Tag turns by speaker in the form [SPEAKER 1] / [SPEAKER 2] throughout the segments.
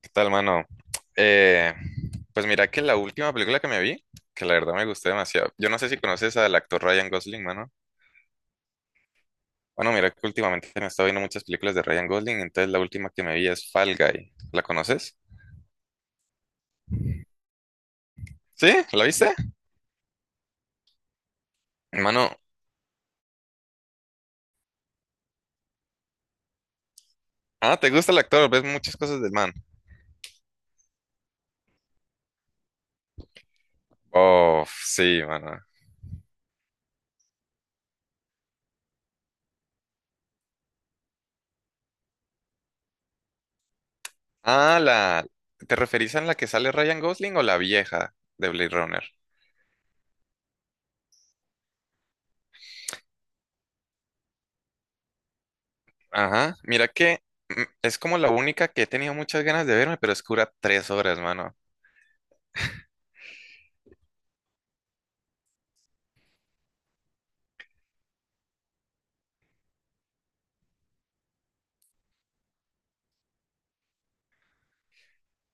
[SPEAKER 1] ¿Qué tal, mano? Eh, pues mira que la última película que me vi, que la verdad me gustó demasiado. Yo no sé si conoces al actor Ryan Gosling, mano. Bueno, mira que últimamente me he estado viendo muchas películas de Ryan Gosling, entonces la última que me vi es Fall Guy. ¿La conoces? ¿Sí? ¿La viste? Mano, ah, ¿te gusta el actor? ¿Ves muchas cosas del man? Oh, sí, mano. Ah, la... ¿Te referís a la que sale Ryan Gosling o la vieja de Blade Runner? Ajá, mira que es como la única que he tenido muchas ganas de verme, pero es que dura 3 horas, mano.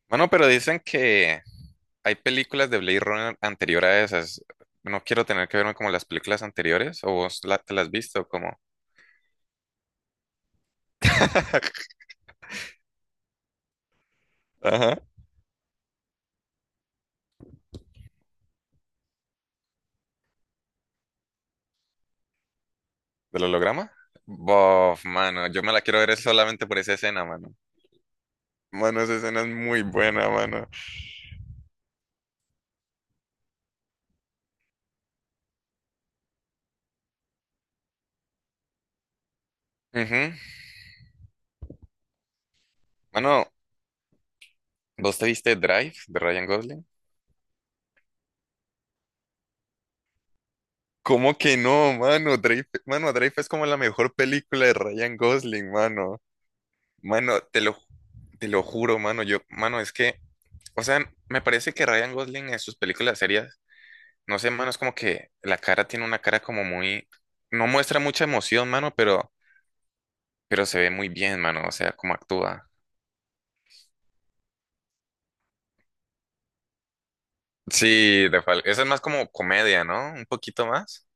[SPEAKER 1] Bueno, pero dicen que hay películas de Blade Runner anterior a esas. No quiero tener que verme como las películas anteriores, o vos te las has visto como. Ajá. ¿Del holograma? Bof, mano, yo me la quiero ver es solamente por esa escena, mano. Mano, esa escena es muy buena, mano. Ujú. Mano, ¿vos te viste Drive de Ryan Gosling? ¿Cómo que no, mano? Drive, mano, Drive es como la mejor película de Ryan Gosling, mano. Mano, te lo juro, mano, yo, mano, es que, o sea, me parece que Ryan Gosling en sus películas serias, no sé, mano, es como que la cara tiene una cara como muy, no muestra mucha emoción, mano, pero se ve muy bien, mano, o sea, cómo actúa. Sí, de esa es más como comedia, ¿no? Un poquito más.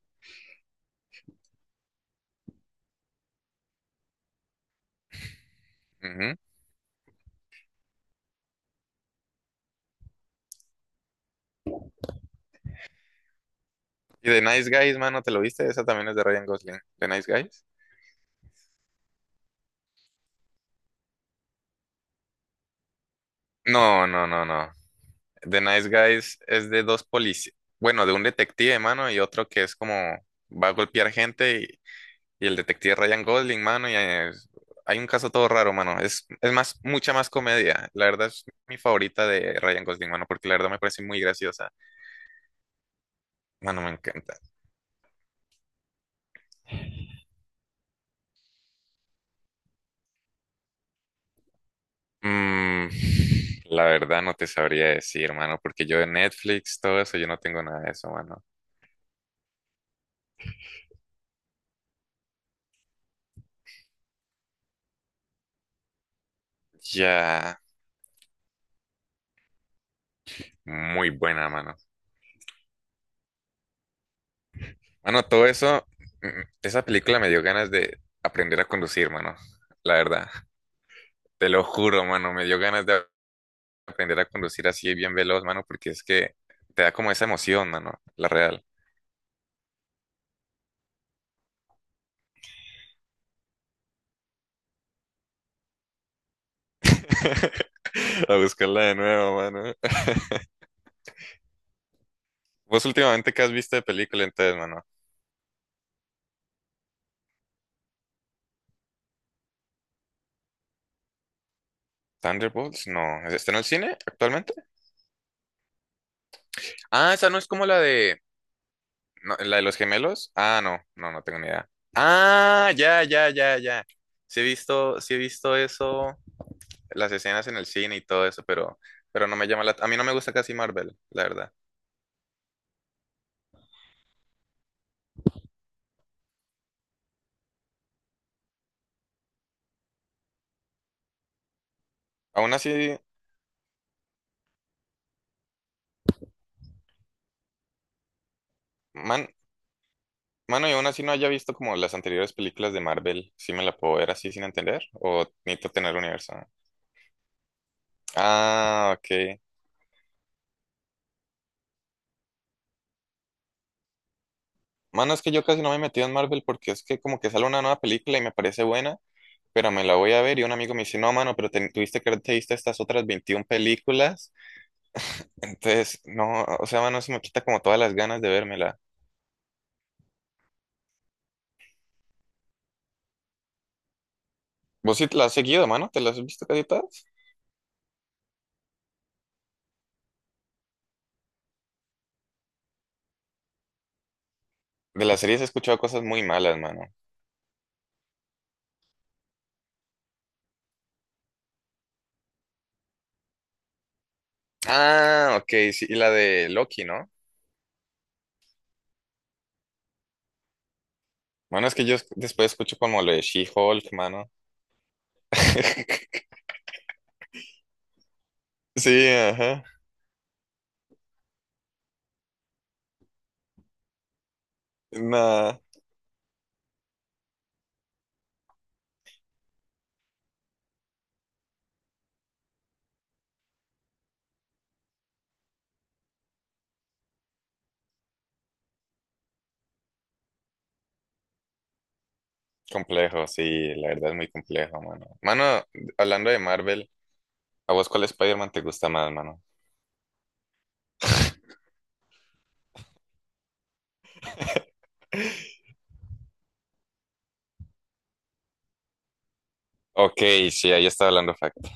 [SPEAKER 1] Ujú. Y The Nice Guys, mano, ¿te lo viste? Esa también es de Ryan Gosling. ¿The Nice Guys? No, no, no, no. The Nice Guys es de dos policías, bueno, de un detective, mano, y otro que es como va a golpear gente y el detective Ryan Gosling, mano, hay un caso todo raro, mano. Es más, mucha más comedia. La verdad es mi favorita de Ryan Gosling, mano, porque la verdad me parece muy graciosa. Mano, me encanta. Mm, la verdad no te sabría decir, mano, porque yo de Netflix, todo eso, yo no tengo nada de eso, mano. Ya, muy buena, mano. Mano, todo eso, mm, esa película me dio ganas de aprender a conducir, mano. La verdad, te lo juro, mano, me dio ganas de aprender a conducir así bien veloz, mano, porque es que te da como esa emoción, mano, la real. A buscarla de nuevo, mano. ¿Vos últimamente qué has visto de película entonces, mano? ¿Thunderbolts? No. ¿Está en el cine actualmente? Ah, esa no es como la de... no, ¿la de los gemelos? Ah, no, no, no tengo ni idea. Ah, ya, ya, ya, ya. Sí he visto eso. Las escenas en el cine y todo eso, pero no me llama la... A mí no me gusta casi Marvel, la verdad. Aún así, man, mano, y aún así no haya visto como las anteriores películas de Marvel, ¿sí me la puedo ver así sin entender? ¿O necesito tener universo? Ah, ok. Mano, es que yo casi no me he metido en Marvel porque es que como que sale una nueva película y me parece buena, pero me la voy a ver y un amigo me dice, no, mano, pero tuviste que haberte visto estas otras 21 películas. Entonces, no, o sea, mano, se me quita como todas las ganas de vérmela. ¿Vos sí te la has seguido, mano? ¿Te las has visto casi todas? De las series he escuchado cosas muy malas, mano. Ah, ok, sí, y la de Loki, ¿no? Bueno, es que yo después escucho como lo de She-Hulk, mano. Sí, ajá. Nada complejo, sí, la verdad es muy complejo, mano. Mano, hablando de Marvel, ¿a vos cuál Spider-Man te gusta más, mano? Ok, sí, ahí estaba hablando facto.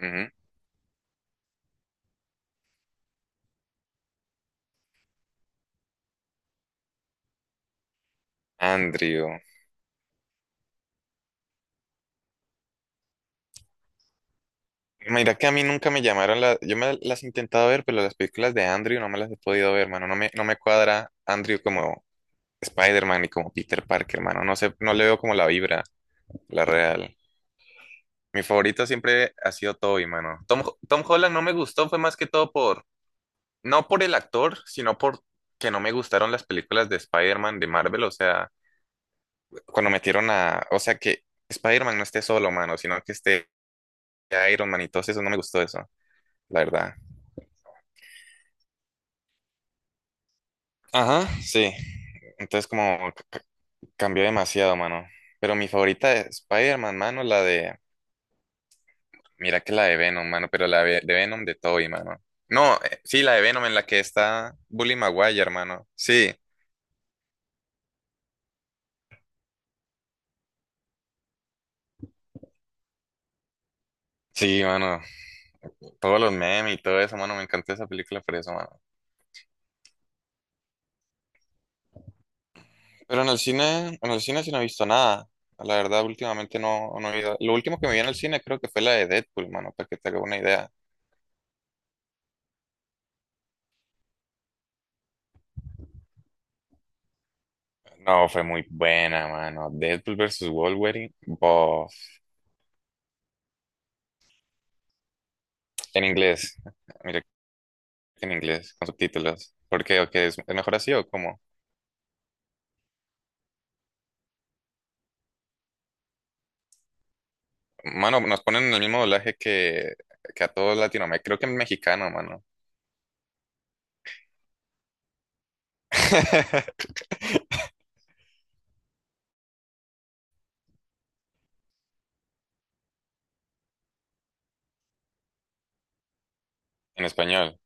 [SPEAKER 1] Ujú. Andrew. Mira que a mí nunca me llamaron las... Yo me las he intentado ver, pero las películas de Andrew no me las he podido ver, mano. No me cuadra Andrew como Spider-Man y como Peter Parker, mano. No sé, no le veo como la vibra, la real. Mi favorito siempre ha sido Tobey, mano. Tom Holland no me gustó, fue más que todo por, no por el actor, sino por que no me gustaron las películas de Spider-Man de Marvel. O sea, cuando metieron a, o sea, que Spider-Man no esté solo, mano, sino que esté Iron Man y todo eso, no me gustó eso, la verdad. Ajá, sí. Entonces como cambió demasiado, mano. Pero mi favorita de Spider-Man, mano, la de... Mira que la de Venom, mano, pero la de Venom de Toby, mano. No, sí, la de Venom en la que está Bully Maguire, hermano. Sí, sí, mano. Todos los memes y todo eso, mano. Me encantó esa película por eso, mano. Pero en el cine sí no he visto nada. La verdad, últimamente no, no he ido. Lo último que me vi en el cine creo que fue la de Deadpool, mano, para que te haga una idea. No, fue muy buena, mano. Deadpool versus Wolverine, bof. En inglés. Mira que en inglés, con subtítulos. ¿Por qué? ¿O qué? ¿Es mejor así o cómo? Mano, nos ponen en el mismo doblaje que a todos Latinoamérica. Creo que en mexicano, mano. En español.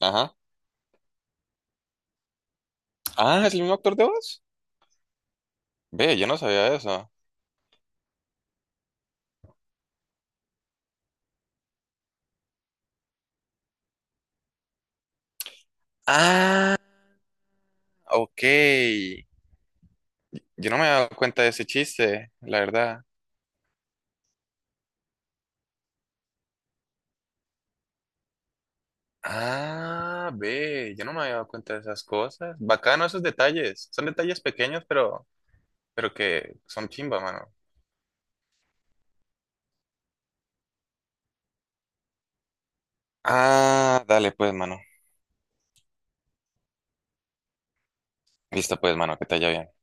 [SPEAKER 1] Ajá. Ah, ¿es el mismo actor de voz? Ve, yo no sabía eso. Ah, ok. Yo no me había dado cuenta de ese chiste, la verdad. Ah, ve, yo no me había dado cuenta de esas cosas. Bacano esos detalles. Son detalles pequeños, pero que son chimba, mano. Ah, dale pues, mano. Listo pues, mano, que te haya bien.